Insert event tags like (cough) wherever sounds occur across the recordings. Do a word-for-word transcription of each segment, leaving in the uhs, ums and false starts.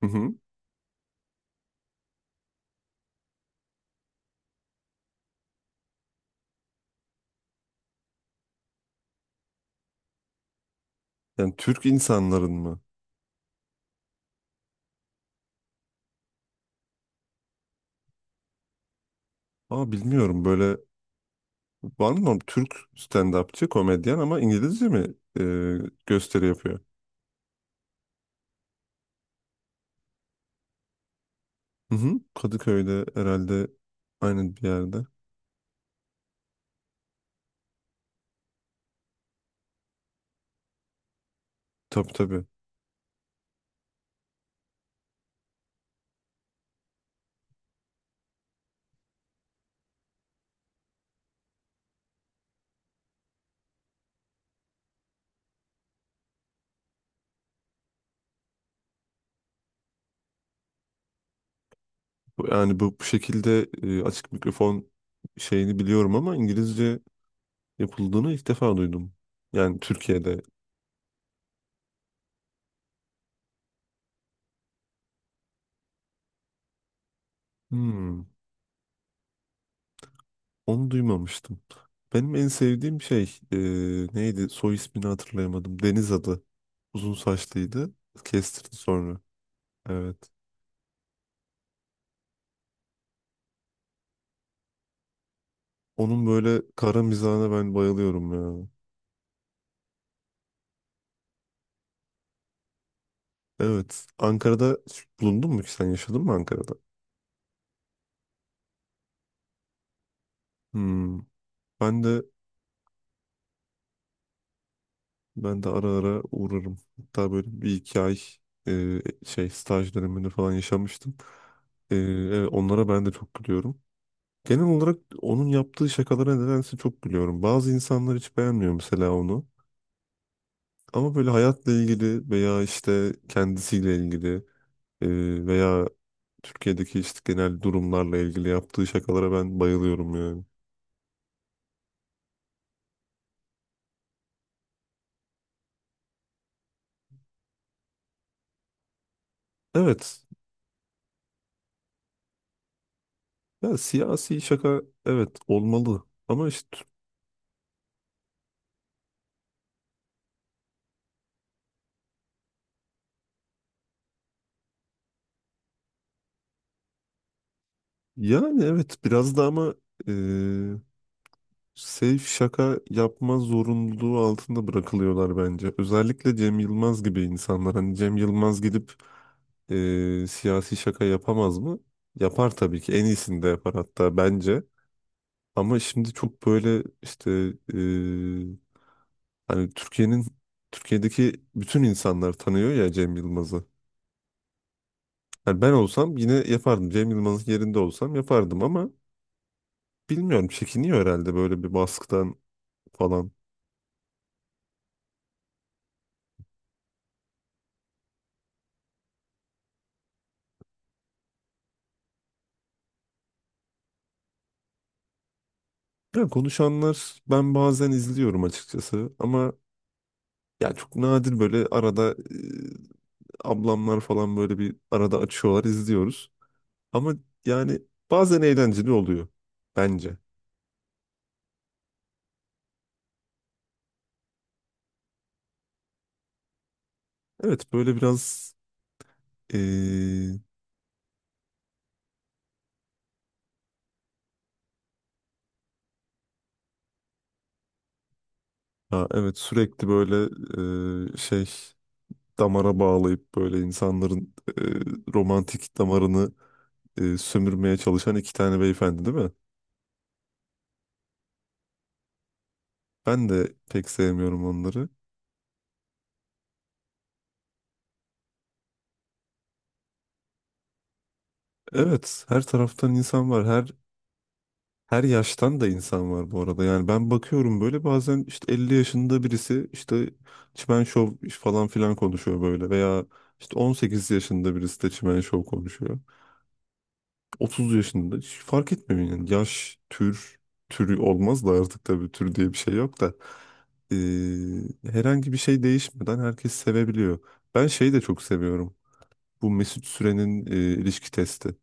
Hı hı. Yani Türk insanların mı? Aa bilmiyorum böyle var mı norm- Türk stand-upçı komedyen ama İngilizce mi e, gösteri yapıyor? Hı hı. Kadıköy'de herhalde aynı bir yerde. Tabii, tabii. Bu- Yani bu, bu şekilde e, açık mikrofon şeyini biliyorum ama İngilizce yapıldığını ilk defa duydum. Yani Türkiye'de. Hmm, onu duymamıştım. Benim en sevdiğim şey e, neydi? Soy ismini hatırlayamadım. Deniz adı. Uzun saçlıydı. Kestirdi sonra. Evet. Onun böyle kara mizahına ben bayılıyorum ya. Evet. Ankara'da hiç bulundun mu ki sen yaşadın mı Ankara'da? Hmm. Ben de ben de ara ara uğrarım. Hatta böyle bir iki ay e, şey staj döneminde falan yaşamıştım. E, evet, onlara ben de çok gülüyorum. Genel olarak onun yaptığı şakalara nedense çok gülüyorum. Bazı insanlar hiç beğenmiyor mesela onu. Ama böyle hayatla ilgili veya işte kendisiyle ilgili, Ee, veya Türkiye'deki işte genel durumlarla ilgili yaptığı şakalara ben bayılıyorum yani. Evet. Ya siyasi şaka, evet, olmalı. Ama işte yani evet biraz da ama e, safe şaka yapma zorunluluğu altında bırakılıyorlar bence. Özellikle Cem Yılmaz gibi insanlar. Hani Cem Yılmaz gidip e, siyasi şaka yapamaz mı? Yapar tabii ki. En iyisini de yapar hatta bence. Ama şimdi çok böyle işte e, hani Türkiye'nin Türkiye'deki bütün insanlar tanıyor ya Cem Yılmaz'ı. Hani ben olsam yine yapardım. Cem Yılmaz'ın yerinde olsam yapardım ama bilmiyorum, çekiniyor herhalde böyle bir baskıdan falan. Ya konuşanlar, ben bazen izliyorum açıkçası ama ya çok nadir böyle arada e, ablamlar falan böyle bir arada açıyorlar, izliyoruz. Ama yani bazen eğlenceli oluyor bence. Evet, böyle biraz e, ha, evet, sürekli böyle e, şey, damara bağlayıp böyle insanların e, romantik damarını e, sömürmeye çalışan iki tane beyefendi değil mi? Ben de pek sevmiyorum onları. Evet, her taraftan insan var. Her her yaştan da insan var bu arada. Yani ben bakıyorum böyle bazen işte elli yaşında birisi işte çimen şov falan filan konuşuyor böyle, veya işte on sekiz yaşında birisi de çimen şov konuşuyor. otuz yaşında hiç fark etmiyor yani yaş, tür, türü olmaz da artık, tabii tür diye bir şey yok da. Ee, herhangi bir şey değişmeden herkes sevebiliyor. Ben şeyi de çok seviyorum. Bu Mesut Süren'in e, ilişki testi.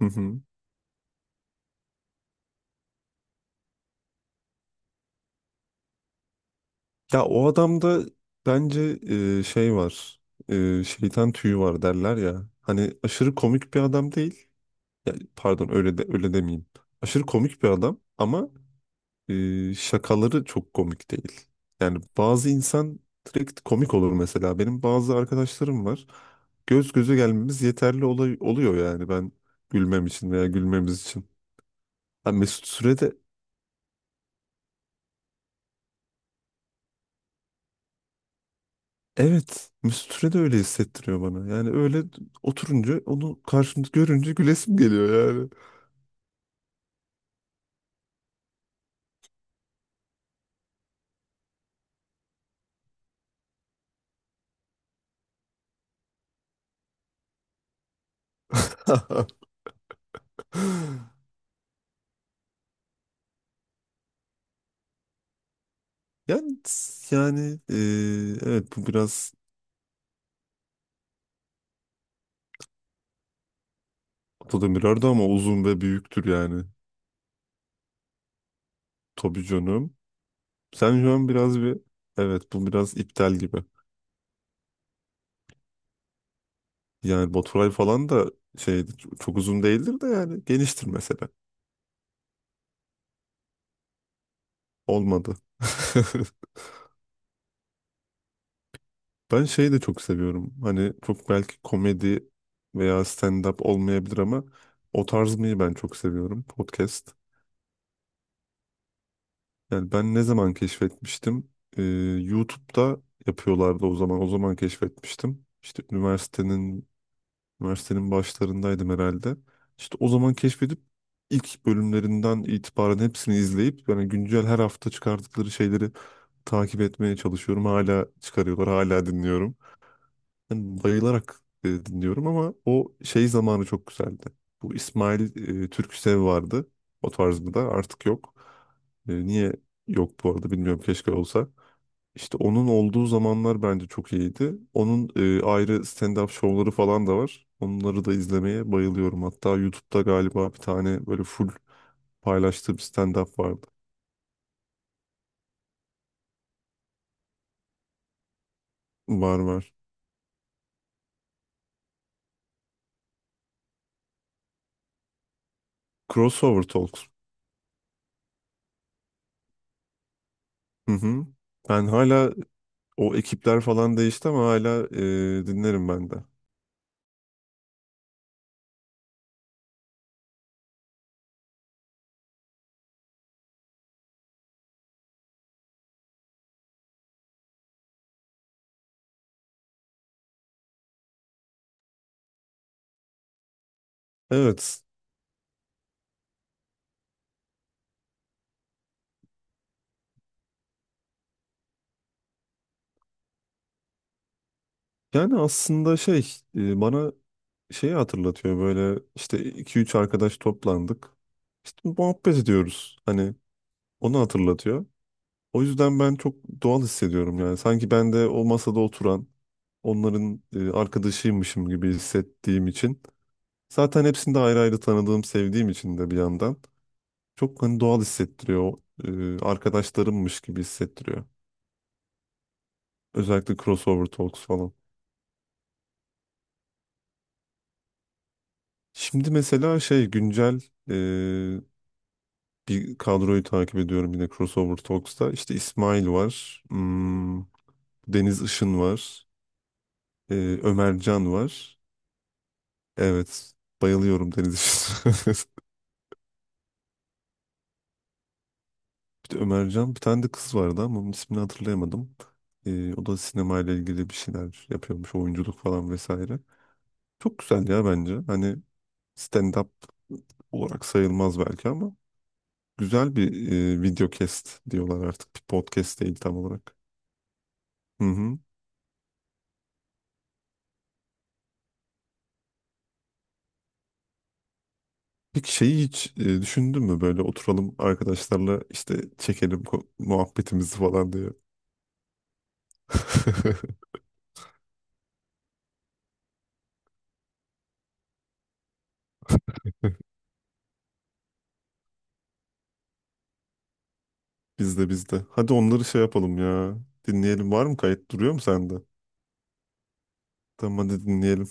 Hı hı. Ya o adamda bence e, şey var. E, şeytan tüyü var derler ya. Hani aşırı komik bir adam değil. Yani pardon, öyle de öyle demeyeyim. Aşırı komik bir adam ama e, şakaları çok komik değil. Yani bazı insan direkt komik olur mesela. Benim bazı arkadaşlarım var. Göz göze gelmemiz yeterli, olay, oluyor yani ben gülmem için veya gülmemiz için. Ha, Mesut Süre de evet Mesut Süre de öyle hissettiriyor bana. Yani öyle oturunca onu karşımda görünce gülesim geliyor yani. (laughs) Yani yani e, evet, bu biraz Atademirer'di ama uzun ve büyüktür yani. Tabii canım. Sen şu an biraz bir... Evet, bu biraz iptal gibi. Yani Baturay falan da şeydi, çok uzun değildir de yani geniştir mesela. Olmadı. (laughs) Ben şeyi de çok seviyorum. Hani çok belki komedi veya stand-up olmayabilir ama o tarzmayı ben çok seviyorum. Podcast. Yani ben ne zaman keşfetmiştim? Ee, YouTube'da yapıyorlardı o zaman. O zaman keşfetmiştim. İşte üniversitenin üniversitenin başlarındaydım herhalde. İşte o zaman keşfedip ilk bölümlerinden itibaren hepsini izleyip, yani güncel her hafta çıkardıkları şeyleri takip etmeye çalışıyorum. Hala çıkarıyorlar, hala dinliyorum. Yani bayılarak e, dinliyorum ama o şey zamanı çok güzeldi. Bu İsmail e, Türküsev vardı. O tarz mı da artık yok. E, niye yok bu arada bilmiyorum, keşke olsa. İşte onun olduğu zamanlar bence çok iyiydi. Onun e, ayrı stand-up şovları falan da var. Onları da izlemeye bayılıyorum. Hatta YouTube'da galiba bir tane böyle full paylaştığı bir stand-up vardı. Var, var. Crossover Talks. Hı hı. Ben hala, o ekipler falan değişti ama hala e, dinlerim ben de. Evet. Yani aslında şey e, bana şeyi hatırlatıyor, böyle işte iki üç arkadaş toplandık. İşte muhabbet ediyoruz. Hani onu hatırlatıyor. O yüzden ben çok doğal hissediyorum yani. Sanki ben de o masada oturan onların e, arkadaşıymışım gibi hissettiğim için. Zaten hepsini de ayrı ayrı tanıdığım, sevdiğim için de bir yandan. Çok hani doğal hissettiriyor. e, arkadaşlarımmış gibi hissettiriyor. Özellikle Crossover Talks falan. Şimdi mesela şey güncel e, bir kadroyu takip ediyorum yine Crossover Talks'ta. İşte İsmail var. hmm, Deniz Işın var. e, Ömer Can var. Evet. Bayılıyorum Deniz Işık'a. (laughs) Bir de Ömercan, bir tane de kız vardı ama onun ismini hatırlayamadım. Ee, o da sinemayla ilgili bir şeyler yapıyormuş. Oyunculuk falan vesaire. Çok güzel ya bence. Hani stand-up olarak sayılmaz belki ama güzel bir e, video cast diyorlar artık. Bir podcast değil tam olarak. Hı hı. Peki şeyi hiç e, düşündün mü, böyle oturalım arkadaşlarla işte çekelim ko- muhabbetimizi falan diye? (laughs) Bizde, bizde. Hadi onları şey yapalım ya. Dinleyelim. Var mı, kayıt duruyor mu sende? Tamam, hadi dinleyelim.